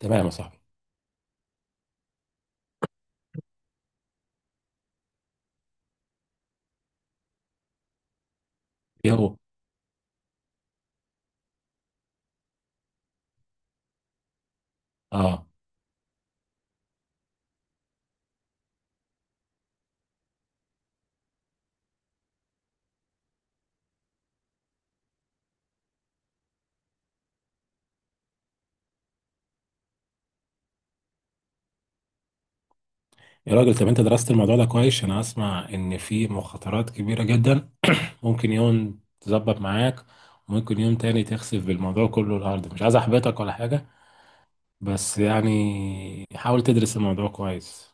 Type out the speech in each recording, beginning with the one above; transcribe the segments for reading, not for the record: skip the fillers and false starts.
تمام يا صاحبي. يلا. اه. يا راجل، طب انت درست الموضوع ده كويس؟ انا اسمع ان في مخاطرات كبيره جدا، ممكن يوم تظبط معاك وممكن يوم تاني تخسف بالموضوع كله الارض. مش عايز احبطك ولا حاجه، بس يعني حاول تدرس الموضوع كويس.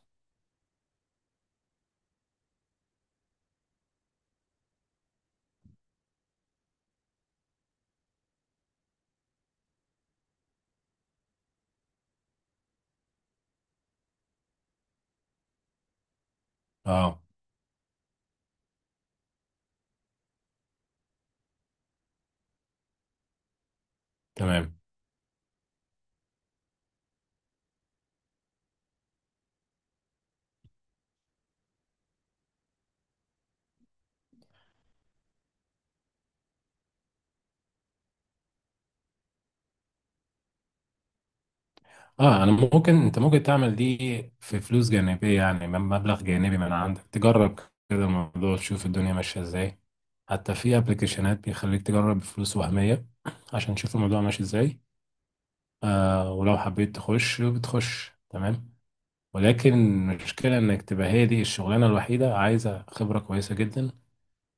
اه. تمام. اه، انا ممكن انت ممكن تعمل دي في فلوس جانبيه، يعني من مبلغ جانبي من عندك تجرب كده الموضوع، تشوف الدنيا ماشيه ازاي. حتى في ابلكيشنات بيخليك تجرب بفلوس وهميه عشان تشوف الموضوع ماشي ازاي. آه، ولو حبيت تخش بتخش. تمام. ولكن المشكلة انك تبقى هي دي الشغلانة الوحيدة، عايزة خبرة كويسة جدا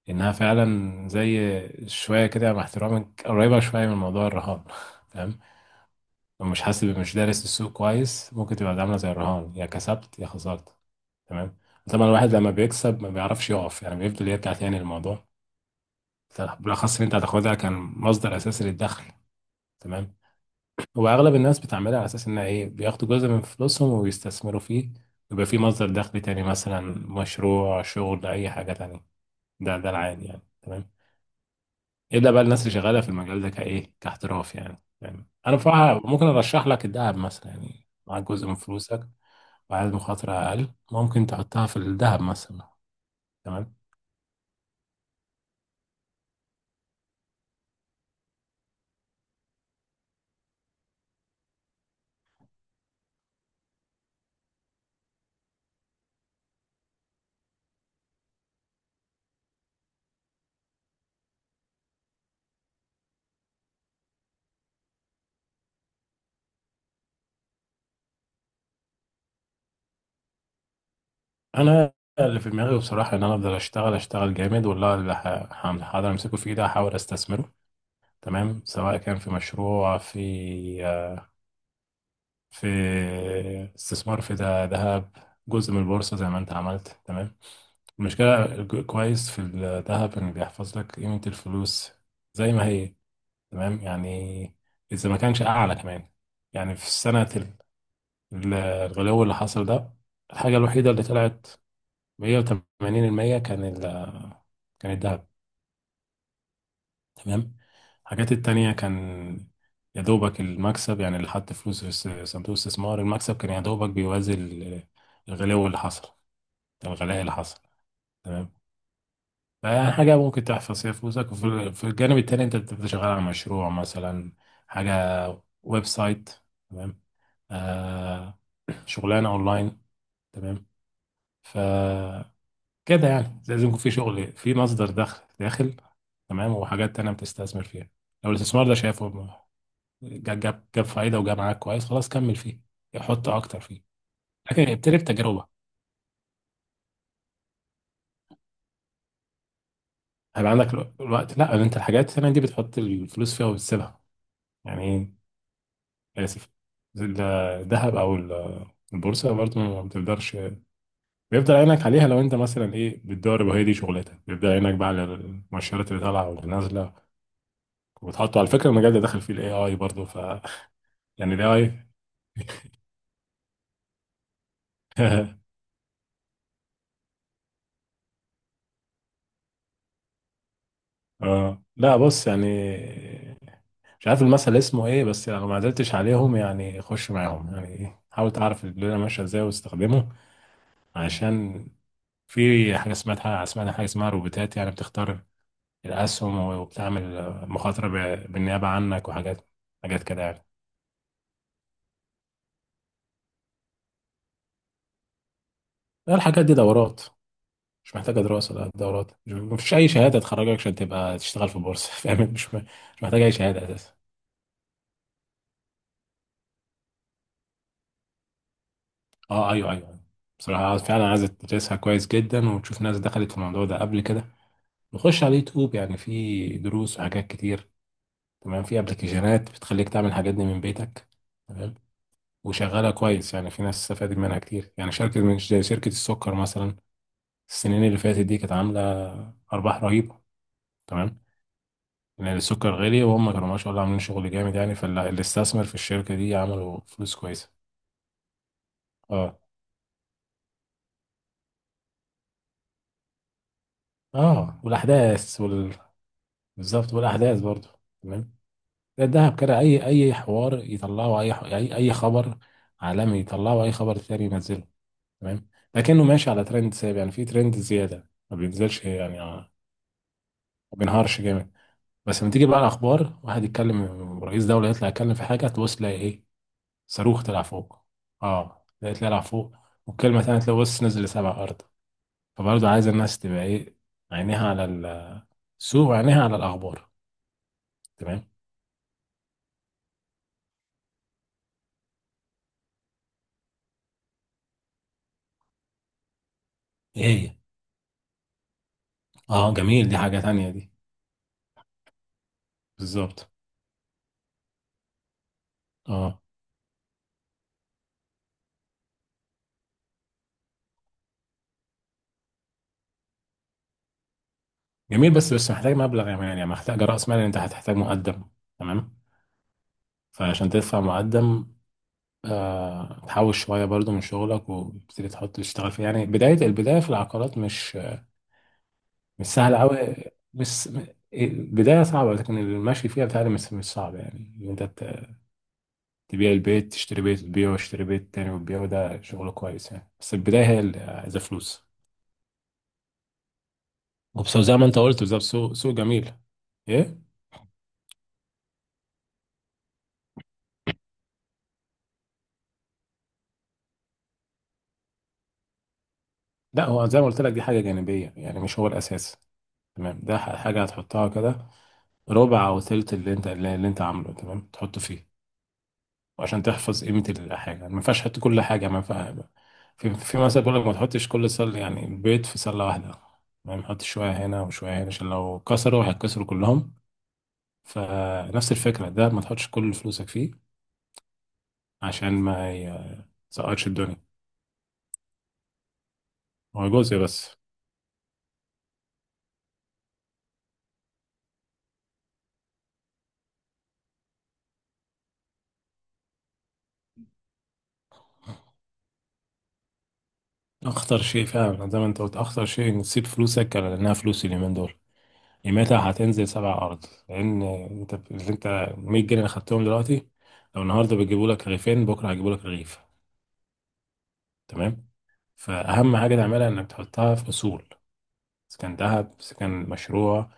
انها فعلا زي شوية كده، يعني مع احترامك قريبة شوية من موضوع الرهان. تمام. لو مش حاسب، مش دارس السوق كويس، ممكن تبقى عاملة زي الرهان، يا كسبت يا خسرت. تمام. طبعا الواحد لما بيكسب ما بيعرفش يقف، يعني بيفضل يرجع تاني للموضوع، بالاخص ان انت هتاخدها كان مصدر اساسي للدخل. تمام. هو اغلب الناس بتعملها على اساس انها ايه، بياخدوا جزء من فلوسهم وبيستثمروا فيه، ويبقى فيه مصدر دخل تاني، مثلا مشروع، شغل، اي حاجه تانية. ده العادي يعني. تمام. الا بقى الناس اللي شغاله في المجال ده كايه، كاحتراف يعني. تمام. انا بصراحه ممكن ارشح لك الذهب مثلا، يعني معاك جزء من فلوسك وعايز مخاطره اقل، ممكن تحطها في الذهب مثلا. تمام. انا اللي في دماغي بصراحه ان انا افضل اشتغل اشتغل جامد، والله اللي هقدر امسكه في ايدي هحاول استثمره. تمام، سواء كان في مشروع، في استثمار في ذهب، جزء من البورصة زي ما انت عملت. تمام. المشكلة كويس في الذهب انه بيحفظ لك قيمة الفلوس زي ما هي. تمام يعني، اذا ما كانش اعلى كمان. يعني في سنة الغلو اللي حصل ده، الحاجة الوحيدة اللي طلعت 180% كان الذهب. تمام. الحاجات التانية كان يا دوبك المكسب، يعني اللي حط فلوس في صندوق الاستثمار المكسب كان يا دوبك بيوازي ال- الغلو اللي حصل الغلاء اللي حصل. تمام. فيعني حاجة ممكن تحفظ فيها فلوسك، وفي في الجانب التاني أنت بتبقى شغال على مشروع مثلا، حاجة، ويب سايت. تمام. آه. شغلانة أونلاين. تمام. ف كده يعني لازم يكون في شغل، في مصدر دخل داخل. تمام. وحاجات تانية بتستثمر فيها. لو الاستثمار ده شايفه جاب فايده وجاب معاك كويس، خلاص كمل فيه، حط اكتر فيه. لكن ابتدي بتجربه. هيبقى عندك الوقت، لا انت الحاجات الثانيه دي بتحط الفلوس فيها وبتسيبها. يعني ايه، اسف، الذهب او البورصه برضه ما بتقدرش. بيفضل عينك عليها لو انت مثلا ايه، بتدرب وهي دي شغلتك، بيفضل عينك بقى على المؤشرات اللي طالعه واللي نازله. وبتحطه على فكره، المجال ده داخل فيه الاي اي برضه. ف يعني الاي اي. اه، لا بص يعني، مش عارف المثل اسمه ايه، بس لو ما قدرتش عليهم يعني خش معاهم، يعني ايه، حاول تعرف الدنيا ماشيه ازاي واستخدمه. عشان في حاجه اسمها حاجه اسمها روبوتات، يعني بتختار الاسهم وبتعمل مخاطره بالنيابه عنك، وحاجات حاجات كده يعني. لا، الحاجات دي دورات، مش محتاجه دراسه، لا دورات، مفيش اي شهاده تخرجك عشان تبقى تشتغل في بورصه. فاهم مش محتاجه اي شهاده اساسا. اه ايوه ايوه. بصراحه فعلا عايز تدرسها كويس جدا، وتشوف ناس دخلت في الموضوع ده قبل كده. نخش على اليوتيوب يعني، في دروس وحاجات كتير. تمام. في ابلكيشنات بتخليك تعمل الحاجات دي من بيتك. تمام. وشغاله كويس يعني، في ناس استفادت منها كتير، يعني شركه من زي شركه السكر مثلا. السنين اللي فاتت دي كانت عامله ارباح رهيبه. تمام. لان السكر غالي، وهم كانوا ما شاء الله عاملين شغل جامد يعني، فاللي استثمر في الشركه دي عملوا فلوس كويسه. اه. اه، والاحداث وال... بالظبط، والاحداث برضو. تمام. ده الدهب كده، اي اي حوار يطلعه، اي خبر عالمي يطلعه، اي خبر تاني ينزله. تمام. لكنه ماشي على ترند ثابت، يعني في ترند زياده ما بينزلش يعني. ما بينهارش جامد. بس لما تيجي بقى الاخبار، واحد يتكلم، رئيس دوله يطلع يتكلم في حاجه، تبص تلاقي ايه؟ صاروخ طلع فوق. اه تلاقي طلع فوق، والكلمه تانيه تلاقي بص نزل لسبع ارض. فبرضه عايز الناس تبقى ايه، عينيها على السوق وعينيها على الاخبار. تمام. ايه هي؟ اه جميل، دي حاجه تانيه دي. بالظبط. اه جميل. بس محتاج مبلغ يا مان، يعني محتاج رأس مال، يعني انت هتحتاج مقدم. تمام. فعشان تدفع مقدم، آه، تحوش شوية برضو من شغلك وتبتدي تحط تشتغل فيه. يعني بداية البداية في العقارات مش مش سهلة أوي، مش م- البداية صعبة، لكن المشي فيها بتاعي مش صعب، يعني إن أنت تبيع البيت تشتري بيت وتبيعه، وتشتري بيت تاني وتبيعه. ده شغل كويس يعني، بس البداية هي اللي عايزة فلوس. وبس زي ما أنت قلت بالظبط، سوق سوق جميل. إيه؟ لا، هو زي ما قلت لك، دي حاجة جانبية يعني، مش هو الأساس. تمام. ده حاجة هتحطها كده، ربع أو تلت اللي أنت اللي اللي أنت عامله. تمام، تحطه فيه. وعشان تحفظ قيمة الحاجة ما ينفعش تحط كل حاجة، ما ينفع. في مثلا بيقول لك ما تحطش كل سلة، يعني البيض في سلة واحدة. تمام، حط شوية هنا وشوية هنا، عشان لو كسروا هيتكسروا كلهم. فنفس الفكرة ده ما تحطش كل فلوسك فيه عشان ما يسقطش الدنيا. هو جزء بس. أخطر شيء فعلا زي ما أنت قلت، أخطر شيء إنك تسيب فلوسك، لأنها فلوس اليومين دول قيمتها هتنزل سبع أرض، لأن أنت 100 جنيه اللي خدتهم دلوقتي، لو النهاردة بيجيبوا لك رغيفين بكرة هيجيبوا لك رغيف. تمام. فأهم حاجة تعملها إنك تحطها في أصول، إذا كان ذهب، إذا كان مشروع،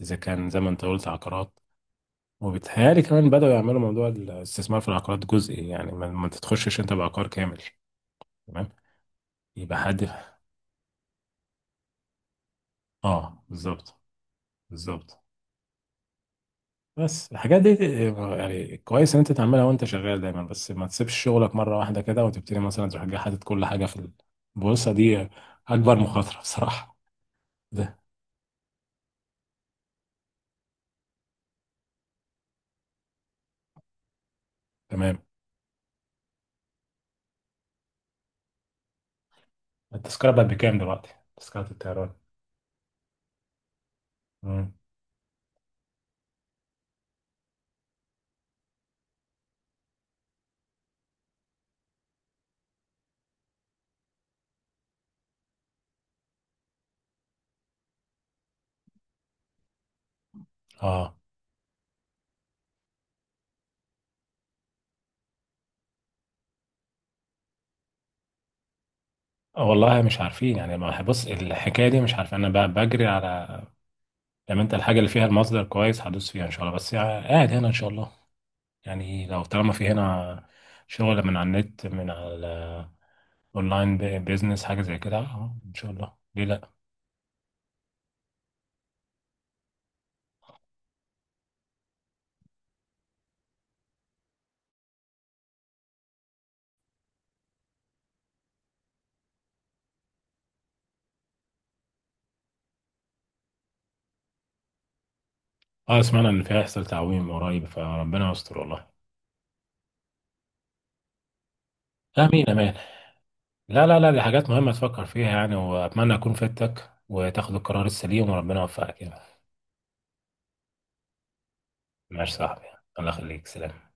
إذا كان زي ما أنت قلت عقارات. وبيتهيألي كمان بدأوا يعملوا موضوع الاستثمار في العقارات جزئي، يعني ما تتخشش أنت بعقار كامل. تمام. يبقى حد. آه بالظبط. بالظبط. بس الحاجات دي يعني كويس ان انت تعملها وانت شغال دايما، بس ما تسيبش شغلك مره واحده كده وتبتدي مثلا تروح جاي حاطط كل حاجه في البورصه دي، اكبر مخاطره بصراحه. ده تمام. التذكره بقت بكام دلوقتي؟ تذكره الطيران. مم. اه. آه والله مش عارفين يعني. ما بص، الحكايه دي مش عارف، انا بجري على لما انت الحاجه اللي فيها المصدر كويس هدوس فيها ان شاء الله، بس يعني قاعد هنا ان شاء الله. يعني لو طالما في هنا شغل من على النت، من على اونلاين، بيزنس، حاجه زي كده، اه ان شاء الله، ليه لا. اه سمعنا ان فيها هيحصل تعويم قريب، فربنا يستر والله. امين امين. لا لا لا، دي حاجات مهمه تفكر فيها يعني، واتمنى اكون فدتك وتاخد القرار السليم، وربنا يوفقك يعني. ماشي يا صاحبي، الله يخليك، سلام.